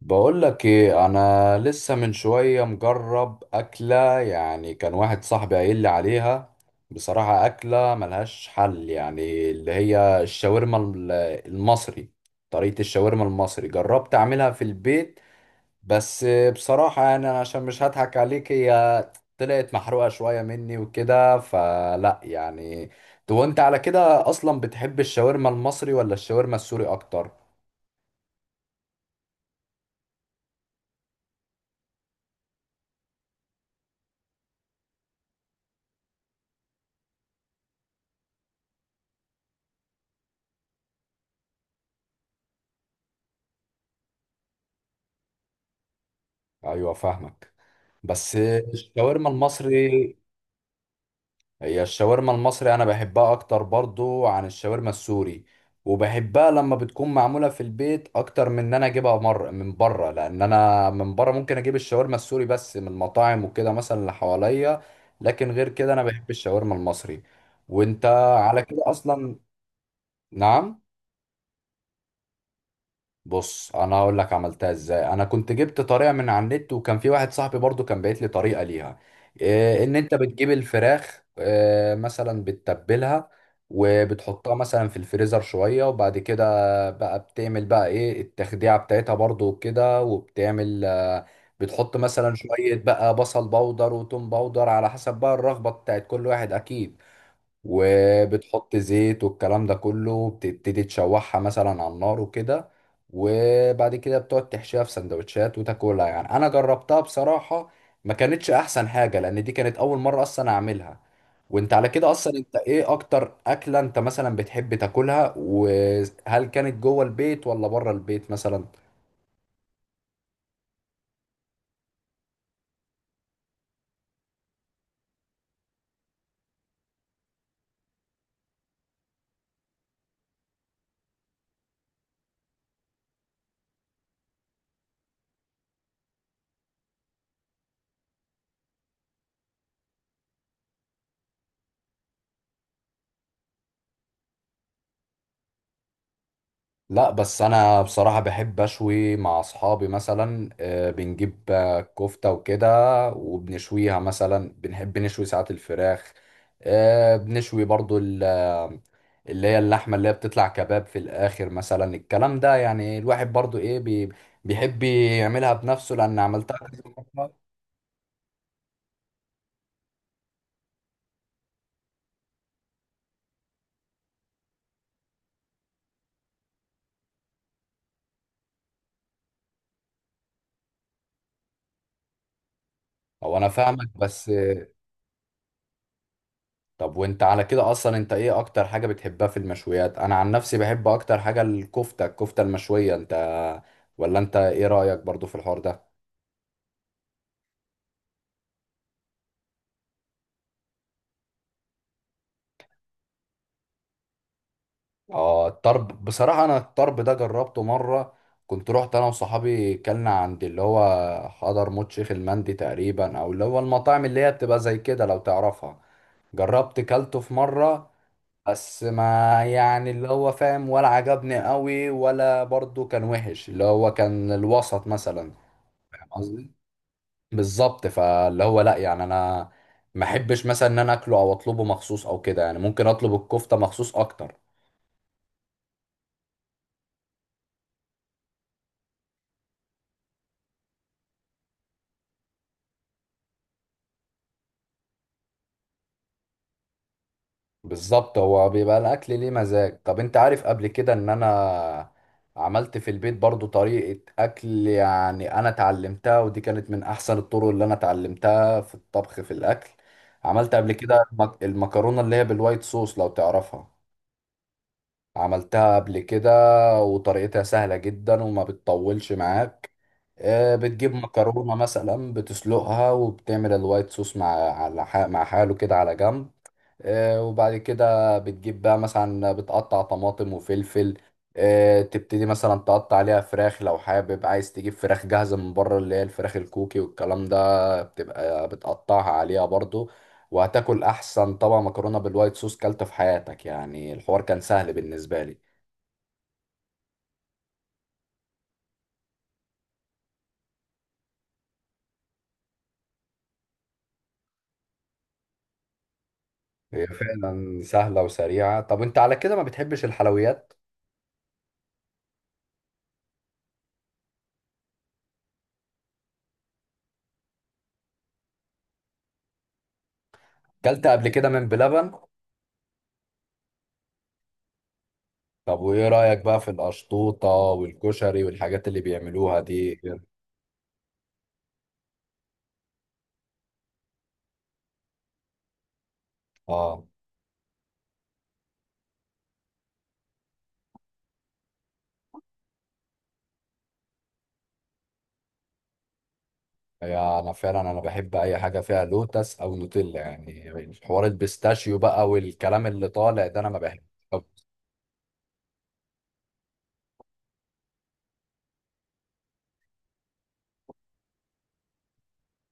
بقول لك ايه؟ انا لسه من شويه مجرب اكله، يعني كان واحد صاحبي قايل لي عليها. بصراحه اكله ملهاش حل، يعني اللي هي الشاورما المصري. طريقه الشاورما المصري جربت اعملها في البيت بس. بصراحه يعني أنا عشان مش هضحك عليك هي طلعت محروقه شويه مني وكده، فلا يعني. تو انت على كده اصلا بتحب الشاورما المصري ولا الشاورما السوري اكتر؟ ايوه فاهمك، بس الشاورما المصري. هي الشاورما المصري انا بحبها اكتر برضو عن الشاورما السوري، وبحبها لما بتكون معموله في البيت اكتر من ان انا اجيبها مر من بره، لان انا من بره ممكن اجيب الشاورما السوري بس من المطاعم وكده مثلا اللي حواليا. لكن غير كده انا بحب الشاورما المصري. وانت على كده اصلا؟ نعم. بص انا هقول لك عملتها ازاي، انا كنت جبت طريقه من على النت، وكان في واحد صاحبي برضو كان باعت لي طريقه ليها، إيه ان انت بتجيب الفراخ إيه مثلا بتتبلها، وبتحطها مثلا في الفريزر شويه، وبعد كده بقى بتعمل بقى ايه التخديعه بتاعتها برضو كده، وبتعمل بتحط مثلا شويه بقى بصل بودر وتوم بودر على حسب بقى الرغبه بتاعت كل واحد اكيد، وبتحط زيت والكلام ده كله، بتبتدي تشوحها مثلا على النار وكده، وبعد كده بتقعد تحشيها في سندوتشات وتاكلها. يعني انا جربتها بصراحة، ما كانتش احسن حاجة لان دي كانت اول مرة اصلا اعملها. وانت على كده اصلا انت ايه اكتر اكلة انت مثلا بتحب تاكلها، وهل كانت جوه البيت ولا بره البيت مثلا؟ لا بس انا بصراحة بحب اشوي مع اصحابي مثلا، بنجيب كفتة وكده، وبنشويها مثلا، بنحب نشوي ساعات الفراخ، بنشوي برضو اللي هي اللحمة اللي هي بتطلع كباب في الاخر مثلا. الكلام ده يعني الواحد برضو ايه بيحب يعملها بنفسه لان عملتها كذا مرة. هو انا فاهمك بس. طب وانت على كده اصلا انت ايه اكتر حاجة بتحبها في المشويات؟ انا عن نفسي بحب اكتر حاجة الكفتة، الكفتة المشوية. انت ولا انت ايه رأيك برضو في الحوار ده؟ اه الطرب بصراحة، انا الطرب ده جربته مرة، كنت رحت انا وصحابي كلنا عند اللي هو حضرموت شيخ المندي تقريبا، او اللي هو المطاعم اللي هي بتبقى زي كده لو تعرفها. جربت كلته في مرة بس ما يعني اللي هو فاهم ولا عجبني قوي ولا برضو كان وحش، اللي هو كان الوسط مثلا. فاهم قصدي؟ بالظبط، فاللي هو لا يعني انا ما احبش مثلا ان انا اكله او اطلبه مخصوص او كده، يعني ممكن اطلب الكفته مخصوص اكتر. بالظبط، هو بيبقى الاكل ليه مزاج. طب انت عارف قبل كده ان انا عملت في البيت برضو طريقه اكل؟ يعني انا اتعلمتها ودي كانت من احسن الطرق اللي انا اتعلمتها في الطبخ في الاكل. عملت قبل كده المكرونه اللي هي بالوايت صوص لو تعرفها. عملتها قبل كده وطريقتها سهلة جدا وما بتطولش معاك. بتجيب مكرونة مثلا بتسلقها، وبتعمل الوايت صوص مع مع حاله كده على جنب. وبعد كده بتجيب بقى مثلا بتقطع طماطم وفلفل. تبتدي مثلا تقطع عليها فراخ، لو حابب عايز تجيب فراخ جاهزة من بره اللي هي الفراخ الكوكي والكلام ده، بتبقى بتقطعها عليها برضو. وهتاكل أحسن طبعا مكرونة بالوايت صوص كلته في حياتك، يعني الحوار كان سهل بالنسبة لي. هي فعلا سهلة وسريعة. طب انت على كده ما بتحبش الحلويات؟ كلت قبل كده من بلبن؟ طب وايه رأيك بقى في القشطوطة والكشري والحاجات اللي بيعملوها دي؟ اه. هي انا فعلا انا بحب اي حاجه فيها لوتس او نوتيلا، يعني حوار البيستاشيو بقى والكلام اللي طالع ده انا ما بحبه.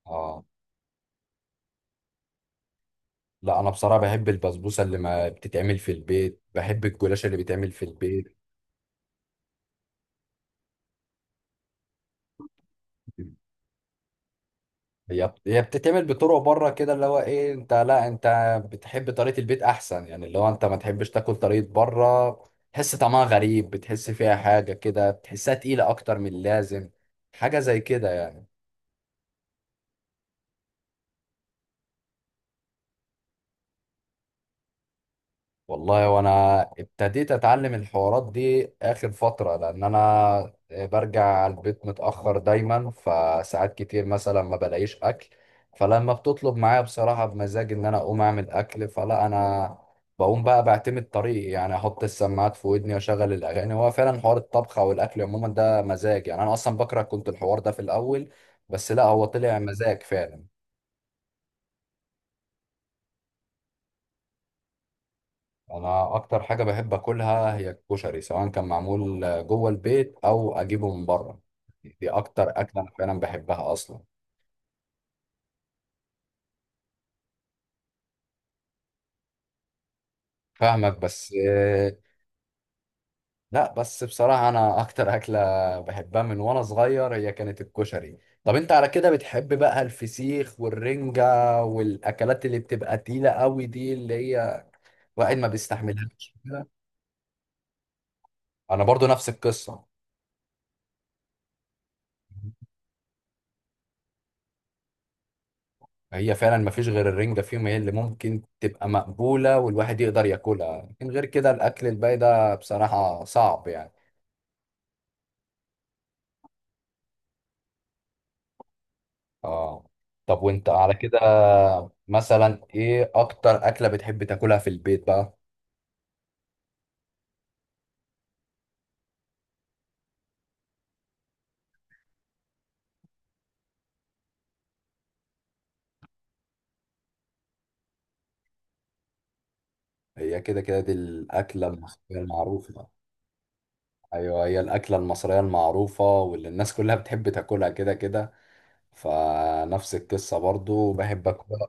اه. لا انا بصراحه بحب البسبوسه اللي ما بتتعمل في البيت، بحب الجلاش اللي بيتعمل في البيت. هي بتتعمل بطرق بره كده اللي هو ايه انت، لا انت بتحب طريقه البيت احسن، يعني اللي هو انت ما تحبش تاكل طريقه بره، تحس طعمها غريب، بتحس فيها حاجه كده، بتحسها تقيله اكتر من اللازم، حاجه زي كده. والله وانا ابتديت اتعلم الحوارات دي اخر فترة لان انا برجع البيت متأخر دايما، فساعات كتير مثلا ما بلاقيش اكل، فلما بتطلب معايا بصراحة بمزاج ان انا اقوم اعمل اكل، فلا انا بقوم بقى بعتمد طريقي، يعني احط السماعات في ودني واشغل الاغاني. هو فعلا حوار الطبخ او الاكل عموما ده مزاج، يعني انا اصلا بكره كنت الحوار ده في الاول، بس لا هو طلع مزاج فعلا. انا اكتر حاجه بحب اكلها هي الكشري، سواء كان معمول جوه البيت او اجيبه من بره، دي اكتر اكله انا فعلا بحبها اصلا. فاهمك بس. لا بس بصراحه انا اكتر اكله بحبها من وانا صغير هي كانت الكشري. طب انت على كده بتحب بقى الفسيخ والرنجه والاكلات اللي بتبقى تقيله قوي دي اللي هي واحد ما بيستحملهاش كده؟ انا برضو نفس القصه. هي فعلا ما فيش غير الرنجة فيهم هي اللي ممكن تبقى مقبولة والواحد يقدر ياكلها، لكن غير كده الأكل الباقي ده بصراحة صعب يعني. اه. طب وانت على كده مثلا ايه أكتر أكلة بتحب تاكلها في البيت بقى؟ هي كده كده دي الأكلة المصرية المعروفة. أيوه، هي الأكلة المصرية المعروفة واللي الناس كلها بتحب تاكلها كده كده، فنفس القصة برضو بحب أكلها.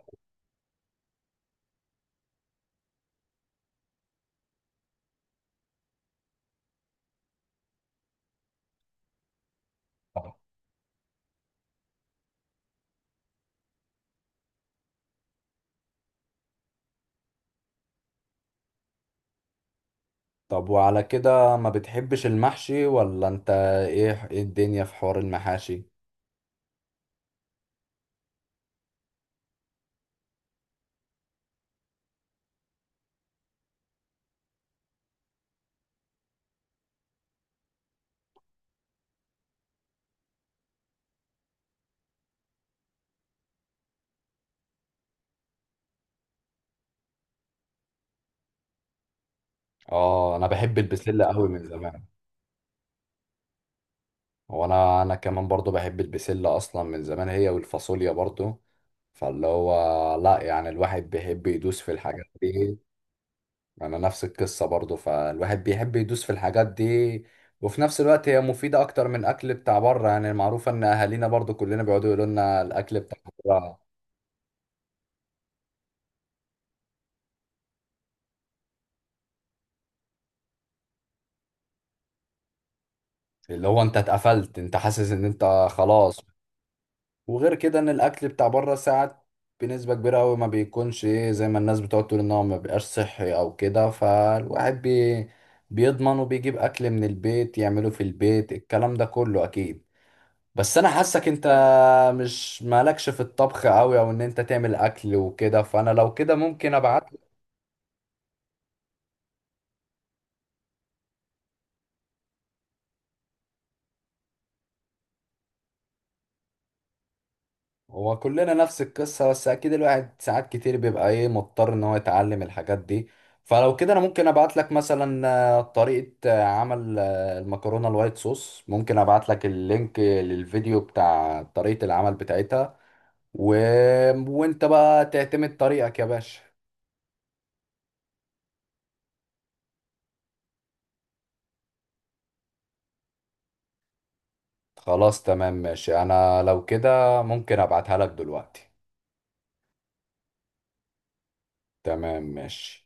طب وعلى كده ما بتحبش المحشي؟ ولا انت ايه ايه الدنيا في حوار المحاشي؟ اه انا بحب البسلة قوي من زمان. وانا كمان برضو بحب البسلة اصلا من زمان، هي والفاصوليا برضو، فاللي هو لا يعني الواحد بيحب يدوس في الحاجات دي. انا نفس القصة برضو، فالواحد بيحب يدوس في الحاجات دي، وفي نفس الوقت هي مفيدة اكتر من الاكل بتاع بره، يعني المعروفة ان اهالينا برضو كلنا بيقعدوا يقولوا لنا الاكل بتاع بره اللي هو انت اتقفلت انت حاسس ان انت خلاص. وغير كده ان الاكل بتاع بره ساعات بنسبه كبيره قوي ما بيكونش ايه زي ما الناس بتقعد تقول ان هو ما بيبقاش صحي او كده، فالواحد بيضمن وبيجيب اكل من البيت يعمله في البيت الكلام ده كله اكيد. بس انا حاسك انت مش مالكش في الطبخ قوي او ان انت تعمل اكل وكده، فانا لو كده ممكن ابعت. هو كلنا نفس القصة، بس أكيد الواحد ساعات كتير بيبقى إيه مضطر إن هو يتعلم الحاجات دي. فلو كده أنا ممكن أبعت لك مثلا طريقة عمل المكرونة الوايت صوص، ممكن أبعت لك اللينك للفيديو بتاع طريقة العمل بتاعتها و... وأنت بقى تعتمد طريقك يا باشا. خلاص تمام ماشي، أنا لو كده ممكن أبعتها لك دلوقتي. تمام ماشي.